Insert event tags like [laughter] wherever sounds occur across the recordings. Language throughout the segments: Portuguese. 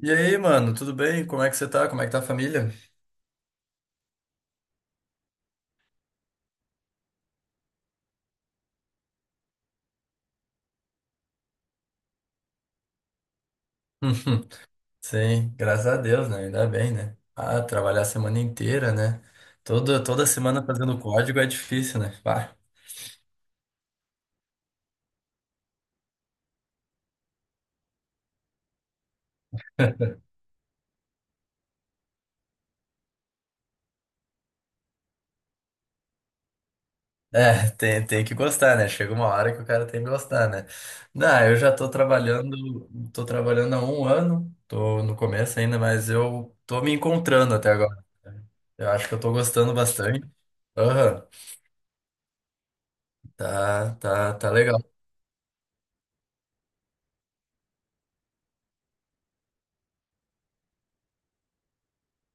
E aí, mano, tudo bem? Como é que você tá? Como é que tá a família? [laughs] Sim, graças a Deus, né? Ainda bem, né? Ah, trabalhar a semana inteira, né? Toda semana fazendo código é difícil, né? Pá. É, tem que gostar, né? Chega uma hora que o cara tem que gostar, né? Não, eu já tô trabalhando há um ano, tô no começo ainda, mas eu tô me encontrando até agora. Eu acho que eu tô gostando bastante. Aham, tá legal.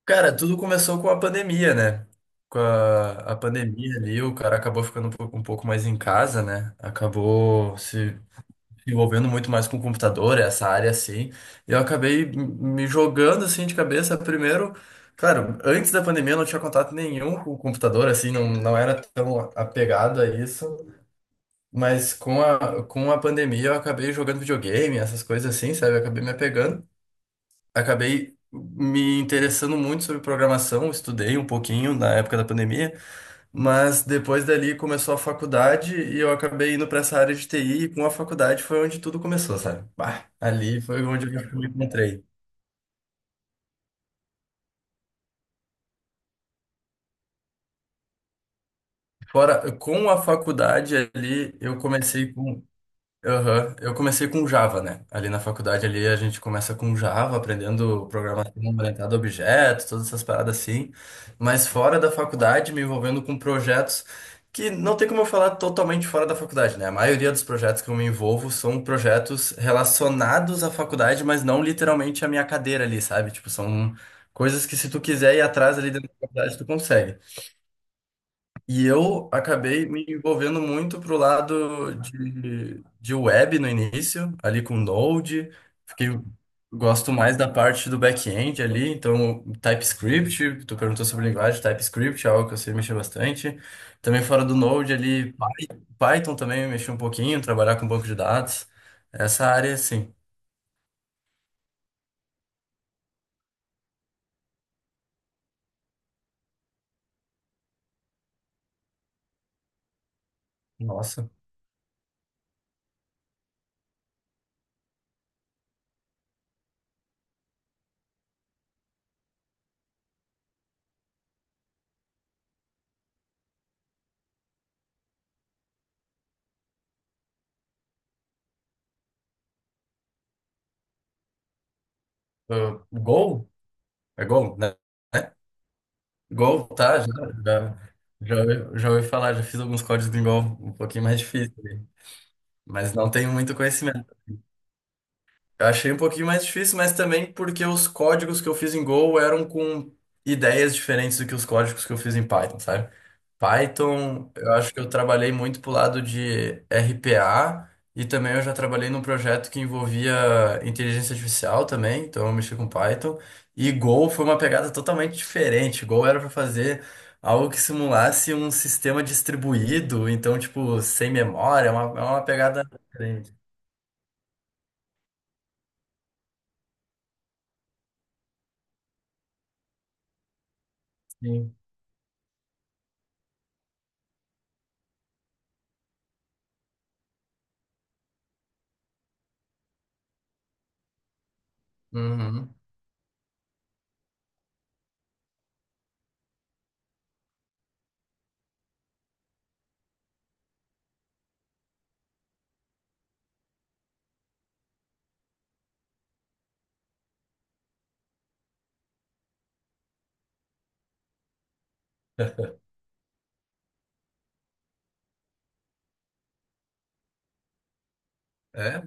Cara, tudo começou com a pandemia, né? Com a pandemia ali, o cara acabou ficando um pouco mais em casa, né? Acabou se envolvendo muito mais com o computador, essa área assim. E eu acabei me jogando assim de cabeça. Primeiro, claro, antes da pandemia eu não tinha contato nenhum com o computador, assim, não, não era tão apegado a isso. Mas com a pandemia eu acabei jogando videogame, essas coisas assim, sabe? Eu acabei me apegando, acabei me interessando muito sobre programação, estudei um pouquinho na época da pandemia, mas depois dali começou a faculdade e eu acabei indo para essa área de TI, e com a faculdade foi onde tudo começou, sabe? Bah, ali foi onde eu me encontrei. Fora, com a faculdade ali, eu comecei com. Aham, eu comecei com Java, né? Ali na faculdade ali a gente começa com Java, aprendendo programação orientada a objetos, todas essas paradas assim. Mas fora da faculdade, me envolvendo com projetos que não tem como eu falar totalmente fora da faculdade, né? A maioria dos projetos que eu me envolvo são projetos relacionados à faculdade, mas não literalmente à minha cadeira ali, sabe? Tipo, são coisas que se tu quiser ir atrás ali dentro da faculdade, tu consegue. E eu acabei me envolvendo muito pro lado de web no início, ali com Node. Fiquei, gosto mais da parte do back-end ali, então TypeScript, tu perguntou sobre linguagem, TypeScript é algo que eu sei mexer bastante. Também fora do Node ali, Python também mexi um pouquinho, trabalhar com banco de dados. Essa área, sim. Nossa. Ah, Go? É Go, né? Gol, tá? Já, já, já ouvi falar, já fiz alguns códigos em Gol um pouquinho mais difícil, né? Mas não tenho muito conhecimento. Eu achei um pouquinho mais difícil, mas também porque os códigos que eu fiz em Go eram com ideias diferentes do que os códigos que eu fiz em Python, sabe? Python, eu acho que eu trabalhei muito pro lado de RPA e também eu já trabalhei num projeto que envolvia inteligência artificial também, então eu mexi com Python. E Go foi uma pegada totalmente diferente. Go era para fazer algo que simulasse um sistema distribuído, então, tipo, sem memória, é uma pegada diferente. Sim. Uhum. É?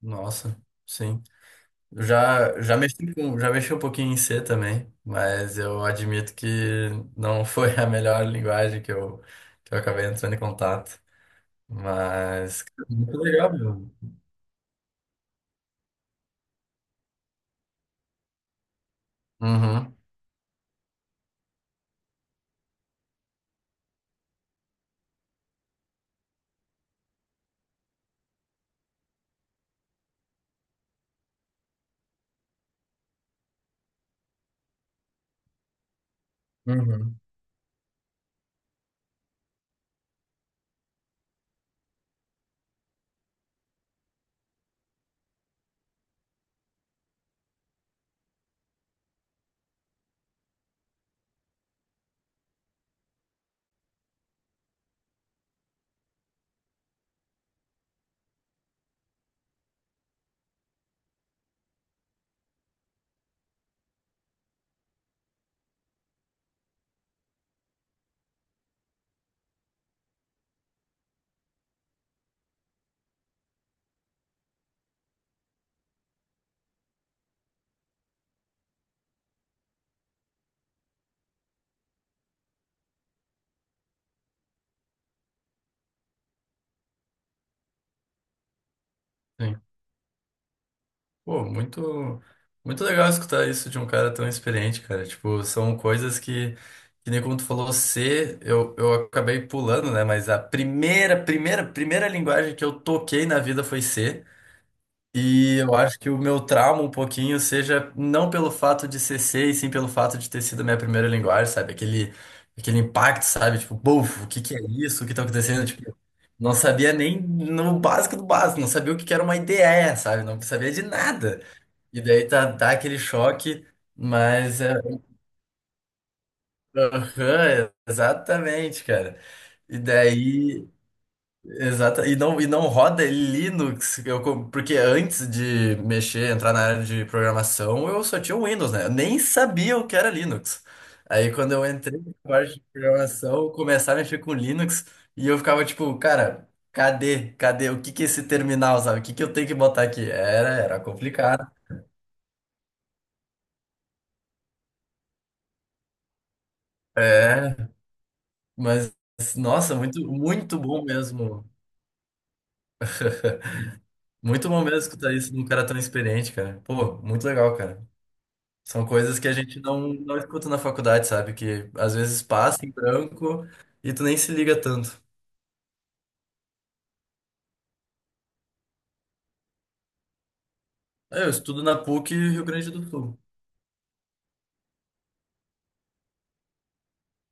Nossa, sim. Eu já mexi com, já mexi um pouquinho em C também, mas eu admito que não [laughs] foi a melhor linguagem que eu acabei entrando em contato. Mas, muito legal, meu. Uhum, uhum, sim. Pô, muito legal escutar isso de um cara tão experiente, cara. Tipo, são coisas que nem como tu falou, C, eu acabei pulando, né? Mas a primeira linguagem que eu toquei na vida foi C. E eu acho que o meu trauma um pouquinho seja não pelo fato de ser C, e sim pelo fato de ter sido a minha primeira linguagem, sabe? Aquele impacto, sabe? Tipo, buf, o que que é isso? O que tá acontecendo? Tipo, não sabia nem no básico do básico, não sabia o que que era uma IDE, sabe? Não sabia de nada. E daí tá, dá aquele choque, mas... é, aham, exatamente, cara. E daí... Exato. E não roda Linux, eu, porque antes de mexer, entrar na área de programação, eu só tinha o Windows, né? Eu nem sabia o que era Linux. Aí quando eu entrei na parte de programação, começaram a mexer com Linux e eu ficava tipo, cara, cadê? Cadê? O que que é esse terminal, sabe? O que que eu tenho que botar aqui? Era complicado. É, mas nossa, muito bom mesmo. [laughs] Muito bom mesmo escutar isso de um cara tão experiente, cara. Pô, muito legal, cara. São coisas que a gente não escuta na faculdade, sabe? Que às vezes passa em branco e tu nem se liga tanto. Ah, eu estudo na PUC Rio Grande do Sul.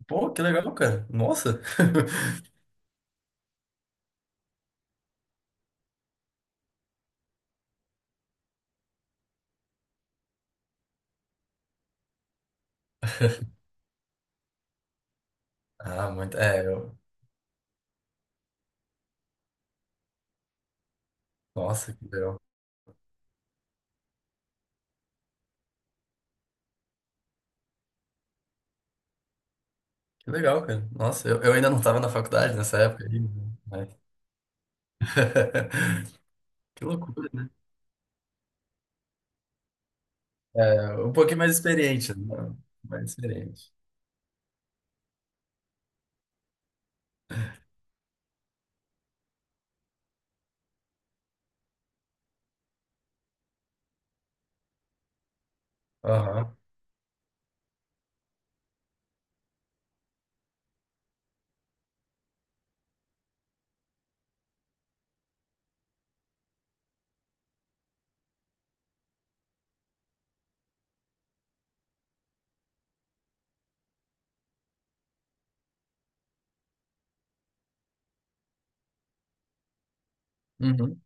Pô, que legal, cara. Nossa. [laughs] Ah, muito. É, eu... Nossa, que legal. Que legal, cara. Nossa, eu ainda não tava na faculdade nessa época aí, né? Mas... [laughs] Que loucura, né? É, um pouquinho mais experiente, né? Mais experiente. Aham. Uhum.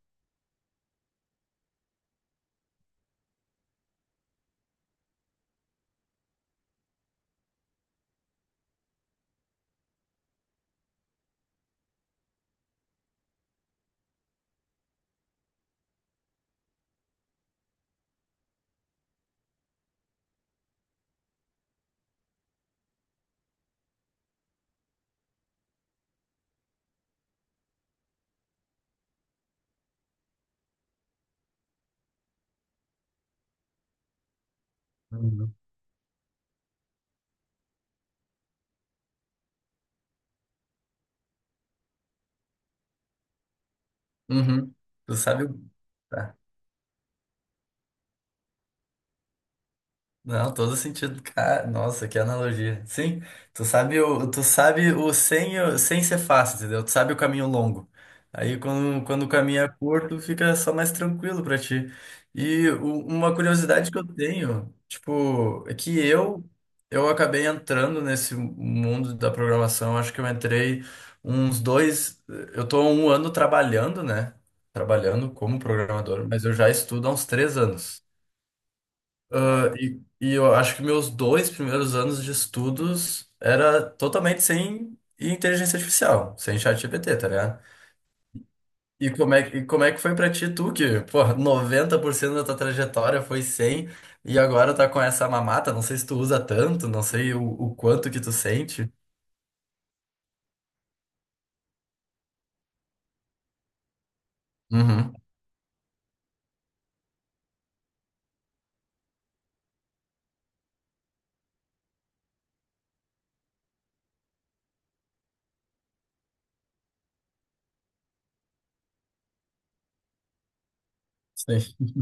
Uhum. Uhum. Tu sabe. Tá. Não, todo sentido. Cara, nossa, que analogia. Sim, tu sabe sem ser fácil, entendeu? Tu sabe o caminho longo. Aí quando o caminho é curto, fica só mais tranquilo pra ti. E uma curiosidade que eu tenho, tipo, é que eu acabei entrando nesse mundo da programação, acho que eu entrei uns dois, eu tô há um ano trabalhando, né? Trabalhando como programador, mas eu já estudo há uns três anos. Ah, e eu acho que meus dois primeiros anos de estudos era totalmente sem inteligência artificial, sem ChatGPT, tá ligado? E como é que foi pra ti, tu, que, pô, 90% da tua trajetória foi sem, e agora tá com essa mamata, não sei se tu usa tanto, não sei o quanto que tu sente. Uhum, sim.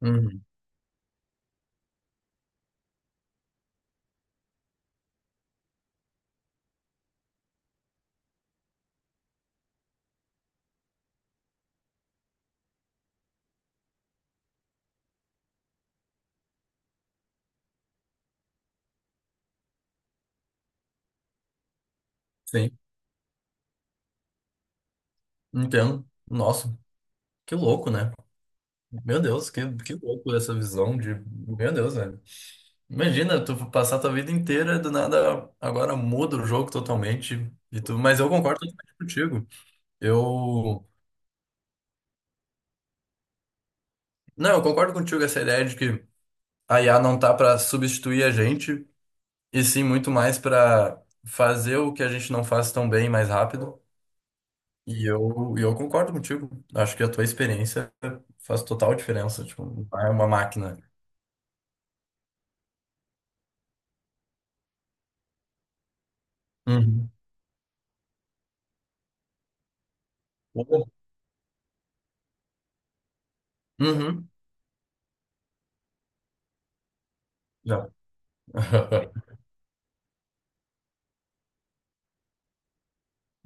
Uhum, sim, entendo. Nossa, que louco, né? Meu Deus, que louco essa visão de... Meu Deus, né. Imagina, tu passar tua vida inteira, do nada, agora muda o jogo totalmente e tu, mas eu concordo totalmente contigo. Eu, não, eu concordo contigo essa ideia de que a IA não tá para substituir a gente, e sim muito mais para fazer o que a gente não faz tão bem mais rápido. E eu concordo contigo. Acho que a tua experiência faz total diferença, tipo, não é uma máquina. Uhum. Uhum. Já. [laughs]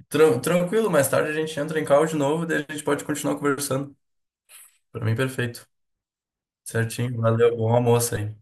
Tranquilo, mais tarde a gente entra em call de novo, daí a gente pode continuar conversando. Para mim, perfeito. Certinho. Valeu. Bom almoço aí.